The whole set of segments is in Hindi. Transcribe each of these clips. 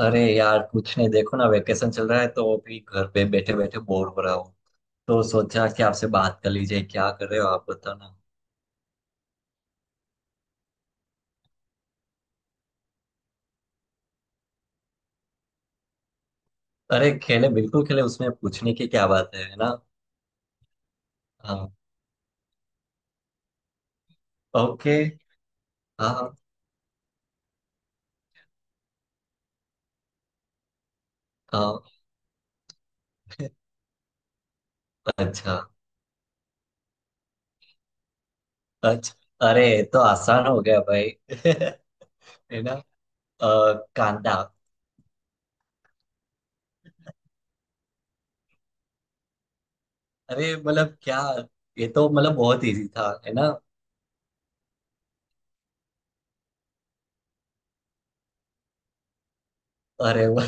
अरे यार, कुछ नहीं, देखो ना वेकेशन चल रहा है तो अभी घर पे बैठे बैठे बोर हो रहा हूँ। तो सोचा कि आपसे बात कर लीजिए, क्या कर रहे हो आप, बताओ ना। अरे खेले, बिल्कुल खेले, उसमें पूछने की क्या बात है ना। हाँ। ओके। हाँ, हाँ। हाँ, अच्छा। अच्छा, अरे ये तो आसान हो गया भाई। है ना। अ, कांदा। अरे मतलब क्या, ये तो मतलब बहुत इजी था, है ना। अरे, वो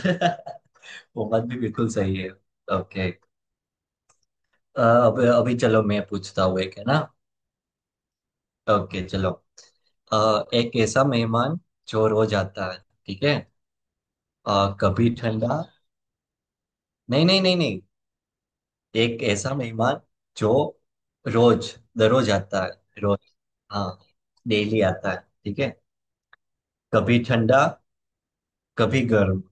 वो बात भी बिल्कुल सही है। ओके। अब अभी चलो, मैं पूछता हूँ एक, है ना। ओके, चलो। एक ऐसा मेहमान जो रोज आता है, ठीक है। कभी ठंडा, नहीं, नहीं, नहीं, नहीं। एक ऐसा मेहमान जो रोज, दररोज आता है, रोज, हाँ, डेली आता है, ठीक है। कभी ठंडा कभी गर्म,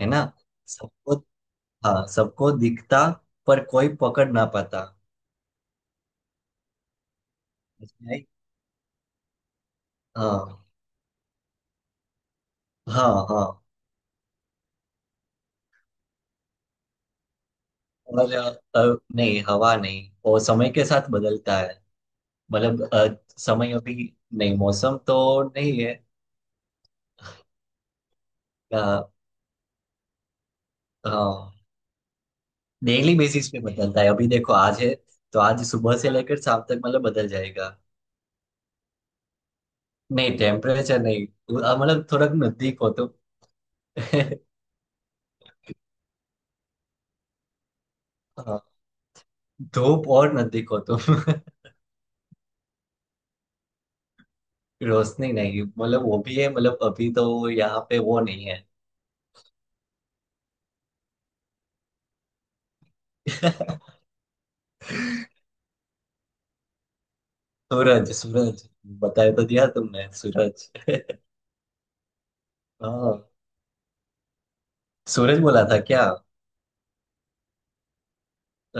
है ना। सबको, हाँ सबको दिखता, पर कोई पकड़ ना पाता। समझ आई? हाँ, हाँ। हाँ, और नहीं हवा नहीं, वो समय के साथ बदलता है। मतलब समय, अभी नहीं मौसम तो नहीं है। अ, हाँ, डेली बेसिस पे बदलता है, अभी देखो आज है, तो आज सुबह से लेकर शाम तक मतलब बदल जाएगा। नहीं टेम्परेचर नहीं, मतलब थोड़ा नजदीक हो तो। हाँ, धूप, और नजदीक हो तो। रोशनी नहीं, मतलब वो भी है, मतलब अभी तो यहाँ पे वो नहीं है। सूरज, सूरज। बताया तो दिया तुमने सूरज। हाँ, सूरज बोला था क्या?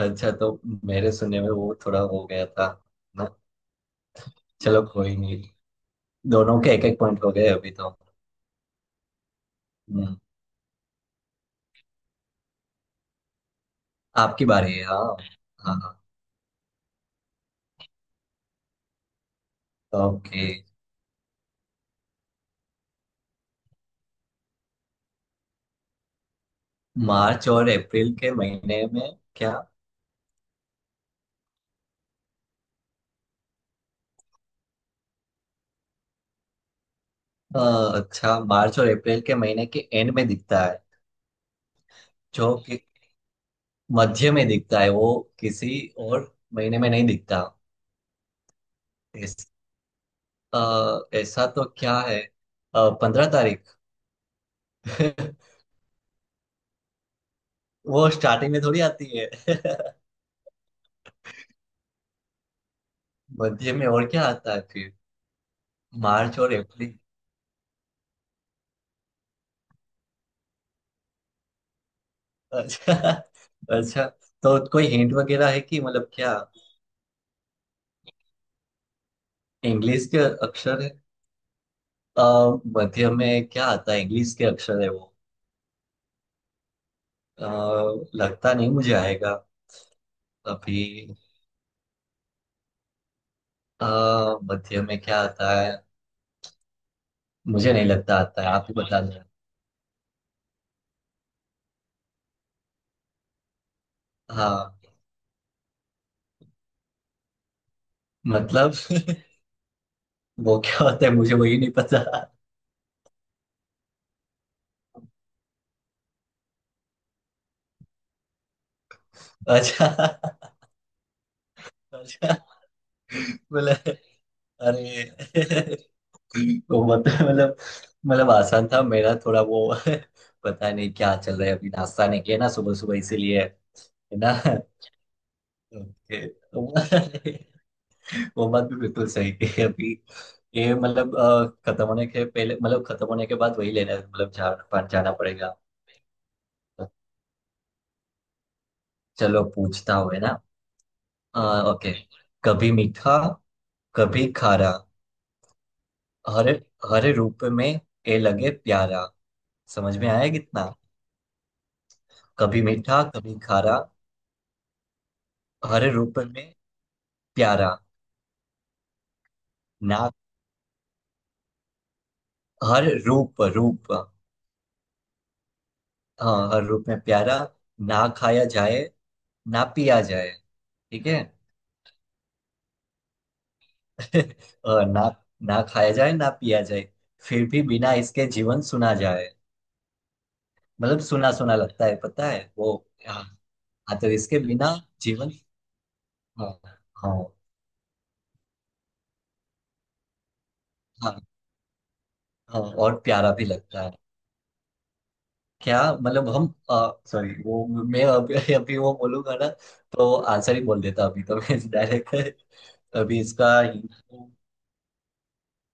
अच्छा तो मेरे सुनने में वो थोड़ा हो गया था ना। चलो कोई नहीं, दोनों के एक एक पॉइंट हो गए अभी तो। हम्म। आपकी बारी है, हाँ। हाँ। हाँ। ओके। मार्च और अप्रैल के महीने में? क्या? अ, अच्छा, मार्च और अप्रैल के महीने के एंड में दिखता है, जो कि मध्य में दिखता है वो किसी और महीने में नहीं दिखता। इस, अ, ऐसा तो क्या है? पंद्रह तारीख। वो स्टार्टिंग में थोड़ी आती है। मध्य में और क्या आता है फिर, मार्च और अप्रैल। अच्छा। अच्छा, तो कोई हिंट वगैरह है कि मतलब क्या? इंग्लिश के अक्षर है? आ, मध्य में क्या आता है, इंग्लिश के अक्षर है वो? अ, लगता नहीं मुझे आएगा। अभी अ, मध्य में क्या आता है? मुझे नहीं लगता आता है, आप ही बता दो। हाँ। मतलब, वो क्या होता है मुझे वही नहीं पता। अच्छा। अच्छा, बोले, अरे। तो मतलब आसान था मेरा थोड़ा वो। पता नहीं क्या चल रहा है, अभी नाश्ता नहीं किया ना सुबह सुबह, इसीलिए। है ना। ओके, तो वो वो बात भी बिल्कुल सही है अभी। ये मतलब खत्म होने के पहले, मतलब खत्म होने के बाद वही लेना है, मतलब जाना जाना पड़ेगा। तो चलो पूछता हूँ, है ना। अ, ओके। कभी मीठा कभी खारा, हर हर रूप में ए लगे प्यारा। समझ में आया कितना? कभी मीठा कभी खारा, हर रूप में प्यारा। ना, हर रूप रूप। हाँ, हर रूप में प्यारा। ना खाया जाए ना पिया जाए, ठीक है। और ना, ना खाया जाए ना पिया जाए, फिर भी बिना इसके जीवन सुना जाए। मतलब सुना सुना लगता है, पता है वो। हाँ। हाँ, तो इसके बिना जीवन। हाँ। हाँ। हाँ। हाँ, और प्यारा भी लगता है। क्या मतलब, हम, सॉरी, वो मैं अभी अभी वो बोलूंगा ना तो आंसर ही बोल देता अभी तो मैं डायरेक्ट। अभी इसका।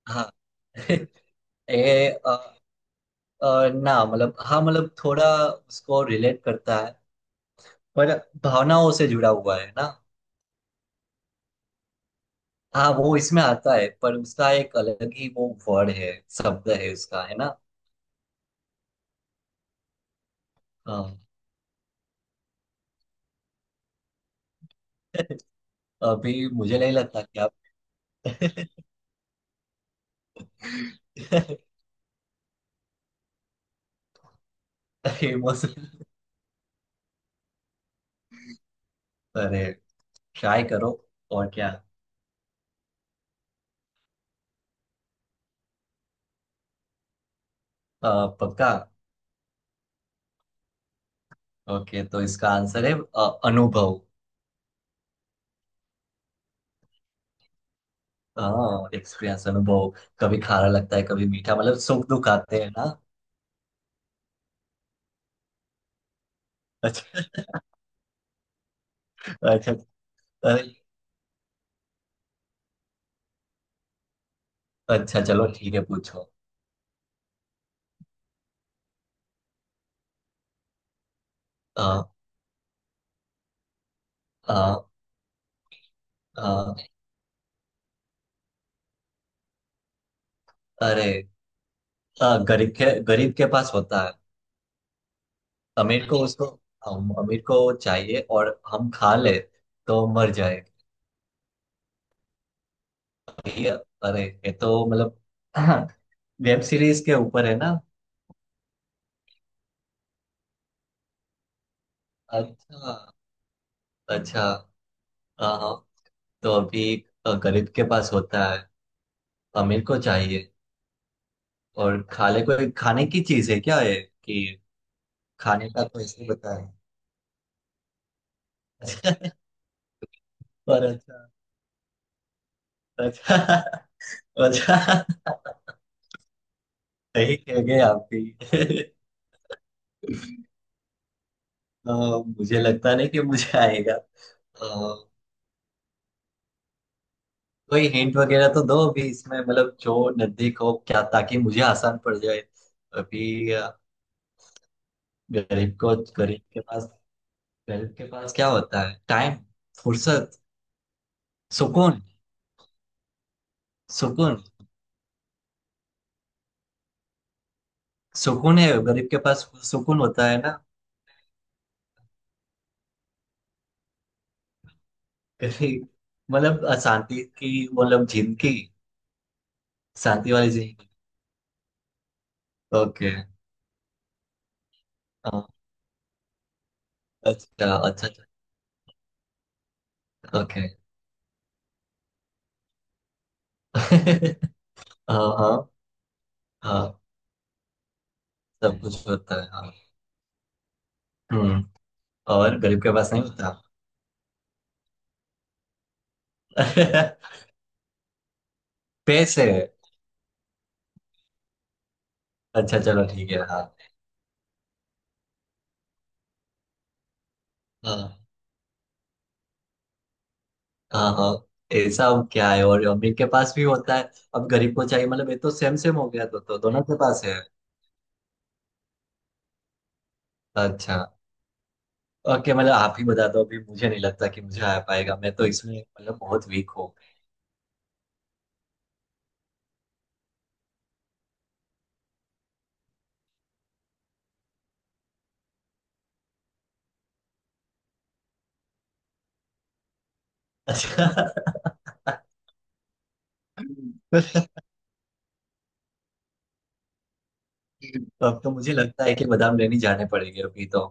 हाँ। ए, ना मतलब हाँ, मतलब थोड़ा उसको रिलेट करता है। पर भावनाओं से जुड़ा हुआ है ना। हाँ वो इसमें आता है, पर उसका एक अलग ही वो वर्ड है, शब्द है उसका, है ना। हाँ। अभी मुझे नहीं लगता कि आप। इमोशन। अरे, ट्राई करो, और क्या। पक्का। ओके, तो इसका आंसर है अनुभव। हाँ, एक्सपीरियंस है वो। कभी खारा लगता है कभी मीठा, मतलब सुख दुख आते हैं ना। अच्छा। अच्छा। अरे, अच्छा चलो ठीक है, पूछो। आ, आ, आ, अरे, आ, गरीब के गरीब के पास होता है। अमीर को, उसको। हम, अमीर को चाहिए और हम खा ले तो मर जाए। ये- अरे ये तो मतलब वेब सीरीज के ऊपर है ना। अच्छा। अच्छा। हाँ। हाँ, तो अभी गरीब के पास होता है, अमीर को चाहिए, और खाने को, खाने की चीज है क्या है कि। खाने का तो ऐसे ही बताया। और अच्छा। अच्छा। अच्छा, सही कह गए आप भी। अ, मुझे लगता नहीं कि मुझे आएगा। कोई हिंट वगैरह तो दो अभी इसमें, मतलब जो नजदीक हो क्या, ताकि मुझे आसान पड़ जाए अभी। गरीब को, गरीब के पास क्या होता है? टाइम, फुर्सत, सुकून। सुकून। सुकून है, गरीब के पास सुकून होता है ना। कभी मतलब अशांति की, मतलब जिंदगी। शांति वाली जिंदगी। ओके। हाँ। अच्छा। अच्छा। अच्छा। ओके। हाँ, हाँ। हाँ, सब कुछ होता है, हाँ। हम्म। और गरीब के पास नहीं होता। पैसे। अच्छा चलो ठीक है, हाँ। हाँ। हाँ। हाँ, ऐसा अब क्या है, और अमीर के पास भी होता है, अब गरीब को चाहिए, मतलब ये तो सेम सेम हो गया, तो दोनों के पास है। अच्छा। ओके, मतलब आप ही बता दो अभी, मुझे नहीं लगता कि मुझे आ पाएगा, मैं तो इसमें मतलब बहुत वीक हूँ। अच्छा। तो अब तो मुझे लगता है कि बादाम लेने जाने पड़ेंगे अभी तो।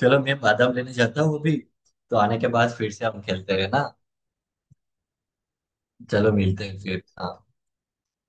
चलो मैं बादाम लेने जाता हूँ अभी। तो आने के बाद फिर से हम खेलते हैं ना। चलो मिलते हैं फिर, हाँ।